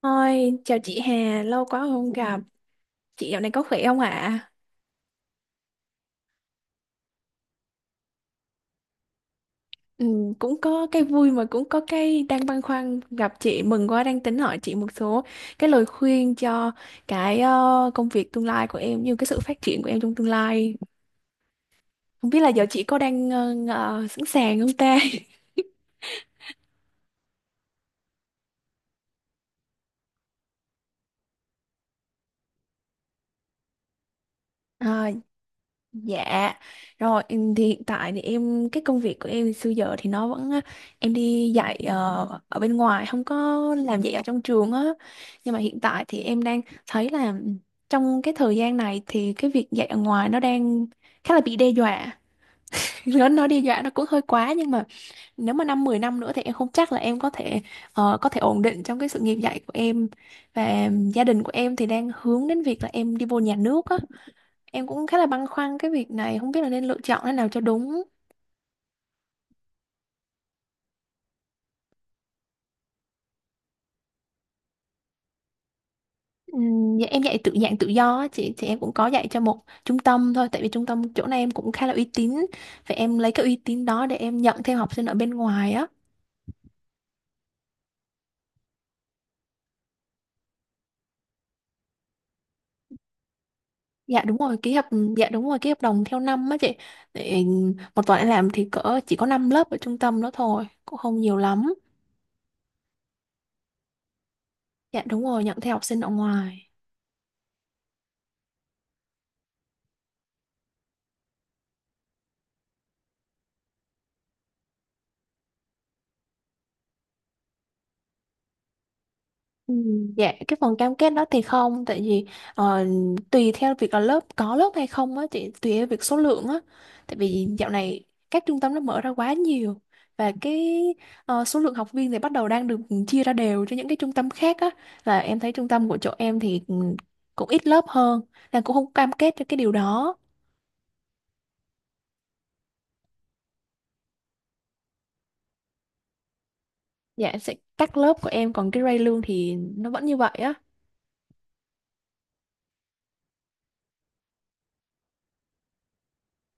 Ôi, chào chị Hà, lâu quá không gặp. Chị dạo này có khỏe không ạ? Ừ, cũng có cái vui mà cũng có cái đang băn khoăn gặp chị. Mừng quá đang tính hỏi chị một số cái lời khuyên cho cái công việc tương lai của em, như cái sự phát triển của em trong tương lai. Không biết là giờ chị có đang sẵn sàng không ta? À, dạ, rồi em thì hiện tại thì em cái công việc của em xưa giờ thì nó vẫn á, em đi dạy ở bên ngoài không có làm dạy ở trong trường á. Nhưng mà hiện tại thì em đang thấy là trong cái thời gian này thì cái việc dạy ở ngoài nó đang khá là bị đe dọa. Nó đe dọa nó cũng hơi quá nhưng mà nếu mà 5-10 năm nữa thì em không chắc là em có thể có thể ổn định trong cái sự nghiệp dạy của em và gia đình của em thì đang hướng đến việc là em đi vô nhà nước á. Em cũng khá là băn khoăn cái việc này, không biết là nên lựa chọn thế nào cho đúng. Dạ, em dạy tự dạng tự do á chị, thì em cũng có dạy cho một trung tâm thôi, tại vì trung tâm chỗ này em cũng khá là uy tín, vậy em lấy cái uy tín đó để em nhận thêm học sinh ở bên ngoài á. Dạ đúng rồi, ký hợp đồng theo năm á chị, để một tuần em làm thì cỡ chỉ có 5 lớp ở trung tâm đó thôi, cũng không nhiều lắm. Dạ đúng rồi, nhận theo học sinh ở ngoài. Ừ, dạ cái phần cam kết đó thì không, tại vì ờ, tùy theo việc là lớp có lớp hay không á chị, tùy theo việc số lượng á, tại vì dạo này các trung tâm nó mở ra quá nhiều, và cái số lượng học viên thì bắt đầu đang được chia ra đều cho những cái trung tâm khác á, là em thấy trung tâm của chỗ em thì cũng ít lớp hơn, nên cũng không cam kết cho cái điều đó. Dạ sẽ cắt lớp của em, còn cái rate lương thì nó vẫn như vậy á.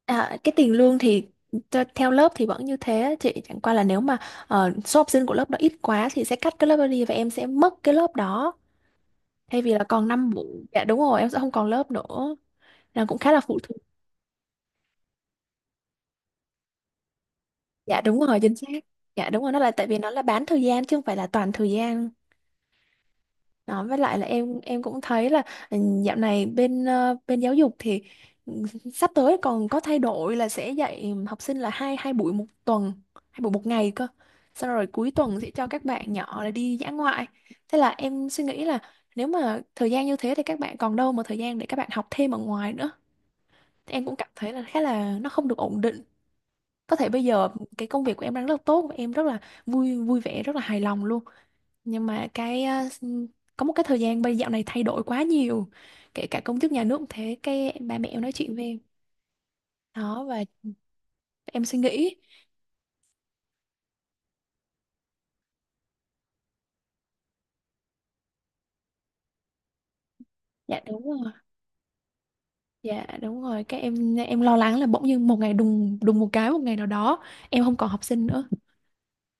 À, cái tiền lương thì theo lớp thì vẫn như thế á chị, chẳng qua là nếu mà số học sinh của lớp đó ít quá thì sẽ cắt cái lớp đó đi và em sẽ mất cái lớp đó, thay vì là còn 5 buổi. Dạ đúng rồi, em sẽ không còn lớp nữa, là cũng khá là phụ thuộc. Dạ đúng rồi chính xác, dạ đúng rồi, nó là tại vì nó là bán thời gian chứ không phải là toàn thời gian. Đó, với lại là em cũng thấy là ừ, dạo này bên bên giáo dục thì ừ, sắp tới còn có thay đổi là sẽ dạy học sinh là hai 2 buổi một tuần, 2 buổi một ngày cơ. Xong rồi cuối tuần sẽ cho các bạn nhỏ là đi dã ngoại. Thế là em suy nghĩ là nếu mà thời gian như thế thì các bạn còn đâu mà thời gian để các bạn học thêm ở ngoài nữa. Thì em cũng cảm thấy là khá là nó không được ổn định. Có thể bây giờ cái công việc của em đang rất là tốt và em rất là vui vui vẻ, rất là hài lòng luôn, nhưng mà cái có một cái thời gian bây dạo này thay đổi quá nhiều, kể cả công chức nhà nước cũng thế, cái ba mẹ em nói chuyện với em đó, và em suy nghĩ. Dạ đúng rồi, dạ đúng rồi, cái em lo lắng là bỗng nhiên một ngày đùng đùng một cái, một ngày nào đó em không còn học sinh nữa.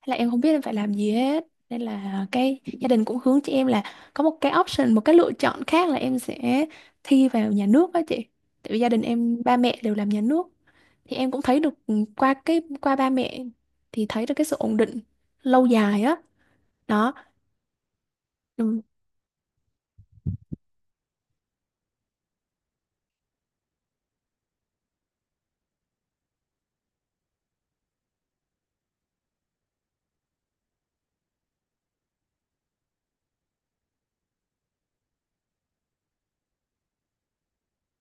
Thế là em không biết em phải làm gì hết, nên là cái gia đình cũng hướng cho em là có một cái option, một cái lựa chọn khác là em sẽ thi vào nhà nước đó chị, tại vì gia đình em ba mẹ đều làm nhà nước, thì em cũng thấy được qua cái qua ba mẹ thì thấy được cái sự ổn định lâu dài á, đó. Ừ,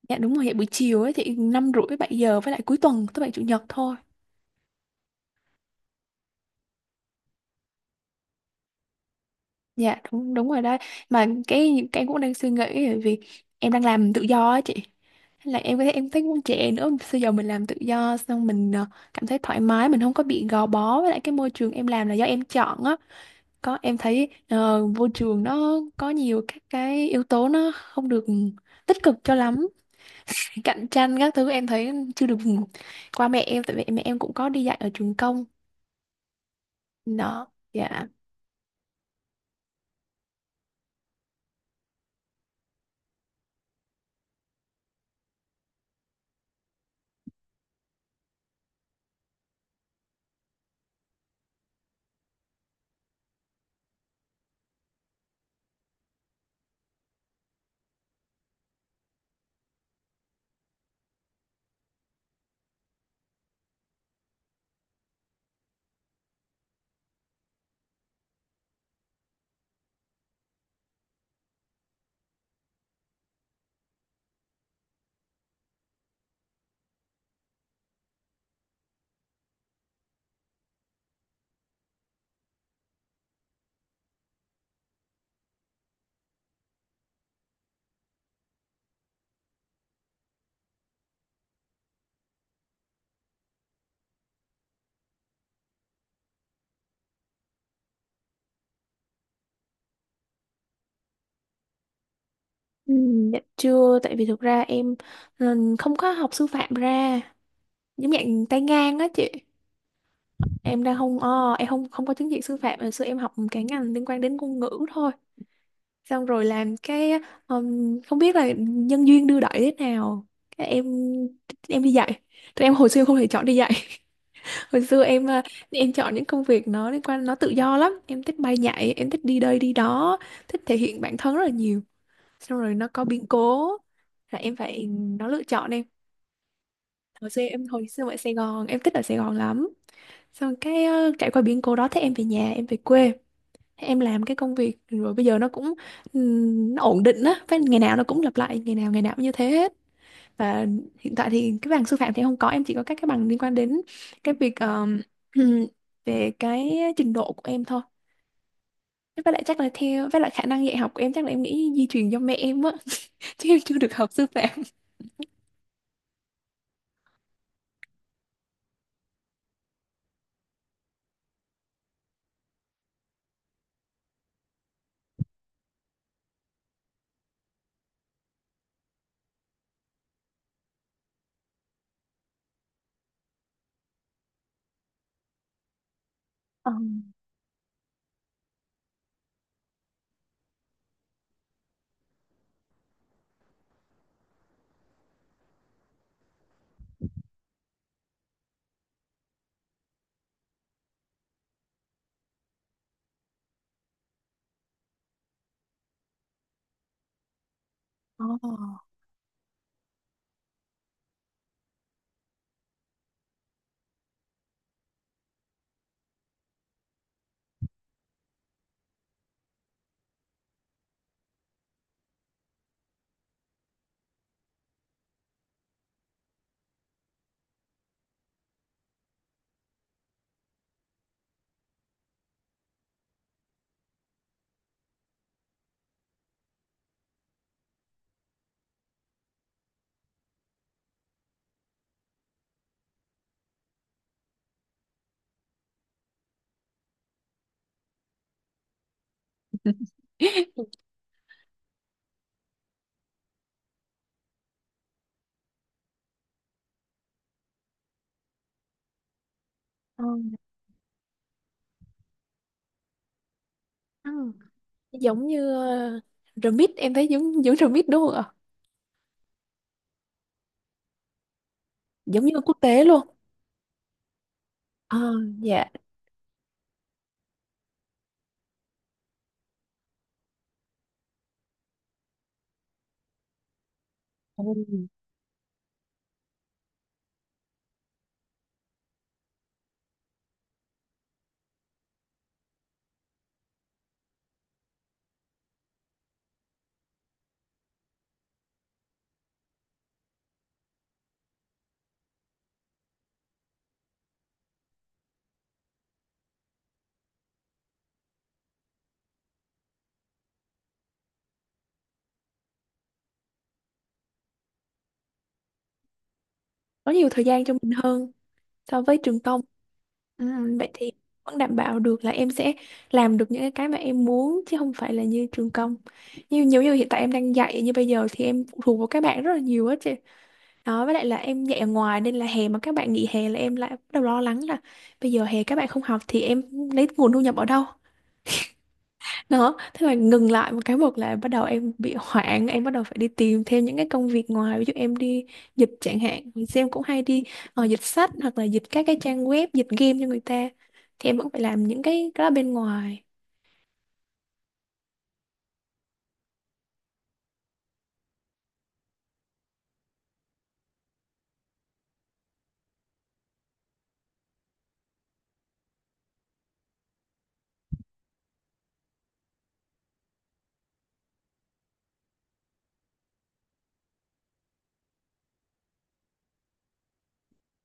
dạ đúng rồi, hiện buổi chiều ấy thì 5:30-7:00, với lại cuối tuần thứ bảy chủ nhật thôi. Dạ đúng đúng rồi đó, mà cái cũng đang suy nghĩ, bởi vì em đang làm tự do á chị, là em thấy cũng trẻ nữa, bây giờ mình làm tự do xong mình cảm thấy thoải mái, mình không có bị gò bó, với lại cái môi trường em làm là do em chọn á, có em thấy môi trường nó có nhiều các cái yếu tố nó không được tích cực cho lắm, cạnh tranh các thứ em thấy chưa được. Ừ, Qua mẹ em, tại vì mẹ em cũng có đi dạy ở trường công đó, dạ. Ừ, dạ chưa, tại vì thực ra em không có học sư phạm ra, giống dạng tay ngang á chị. Em đang không, em không không có chứng chỉ sư phạm, hồi xưa em học cái ngành liên quan đến ngôn ngữ thôi. Xong rồi làm cái không biết là nhân duyên đưa đẩy thế nào. Cái em đi dạy. Tụi em hồi xưa không thể chọn đi dạy. Hồi xưa em em chọn những công việc nó liên quan, nó tự do lắm. Em thích bay nhảy, em thích đi đây đi đó, thích thể hiện bản thân rất là nhiều, xong rồi nó có biến cố là em phải nó lựa chọn. Em hồi xưa, ở Sài Gòn, em thích ở Sài Gòn lắm, xong cái trải qua biến cố đó, thế em về nhà, em về quê, thế em làm cái công việc, rồi bây giờ nó cũng nó ổn định á, với ngày nào nó cũng lặp lại, ngày nào cũng như thế hết. Và hiện tại thì cái bằng sư phạm thì em không có, em chỉ có các cái bằng liên quan đến cái việc ừm, về cái trình độ của em thôi, với lại chắc là theo, với lại khả năng dạy học của em chắc là em nghĩ di truyền do mẹ em á, chứ em chưa được học sư phạm. Ờ. Ồ, ờ, ừ. Giống như uh, remix, em thấy giống giống remix đúng không ạ? Giống như quốc tế luôn. Ờ, dạ. Ừ. Có nhiều thời gian cho mình hơn so với trường công. Ừ, vậy thì vẫn đảm bảo được là em sẽ làm được những cái mà em muốn, chứ không phải là như trường công. Như nhiều như hiện tại em đang dạy như bây giờ thì em phụ thuộc vào các bạn rất là nhiều á chị. Đó, với lại là em dạy ở ngoài nên là hè mà các bạn nghỉ hè là em lại bắt đầu lo lắng là bây giờ hè các bạn không học thì em lấy nguồn thu nhập ở đâu? Đó, thế mà ngừng lại một cái một là bắt đầu em bị hoảng, em bắt đầu phải đi tìm thêm những cái công việc ngoài, ví dụ em đi dịch chẳng hạn, thì em cũng hay đi dịch sách hoặc là dịch các cái trang web, dịch game cho người ta. Thì em vẫn phải làm những cái đó bên ngoài.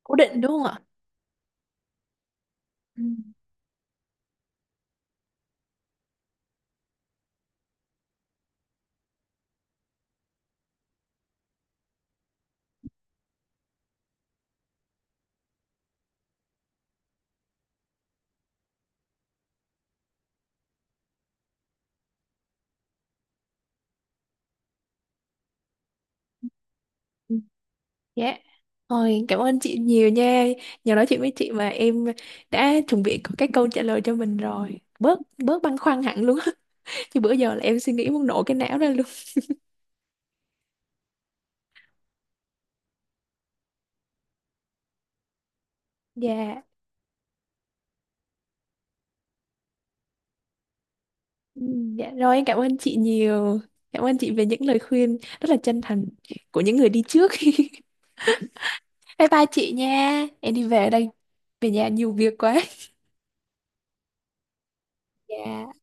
Cố định đúng không ạ? Ừ. Ừ, dạ. Rồi, cảm ơn chị nhiều nha. Nhờ nói chuyện với chị mà em đã chuẩn bị có cái câu trả lời cho mình rồi. Bớt Bớt băn khoăn hẳn luôn. Chứ bữa giờ là em suy nghĩ muốn nổ cái não ra luôn. Dạ. Ừ, dạ rồi em cảm ơn chị nhiều. Cảm ơn chị về những lời khuyên rất là chân thành của những người đi trước. Bye bye chị nha. Em đi về đây, về nhà nhiều việc quá. Dạ.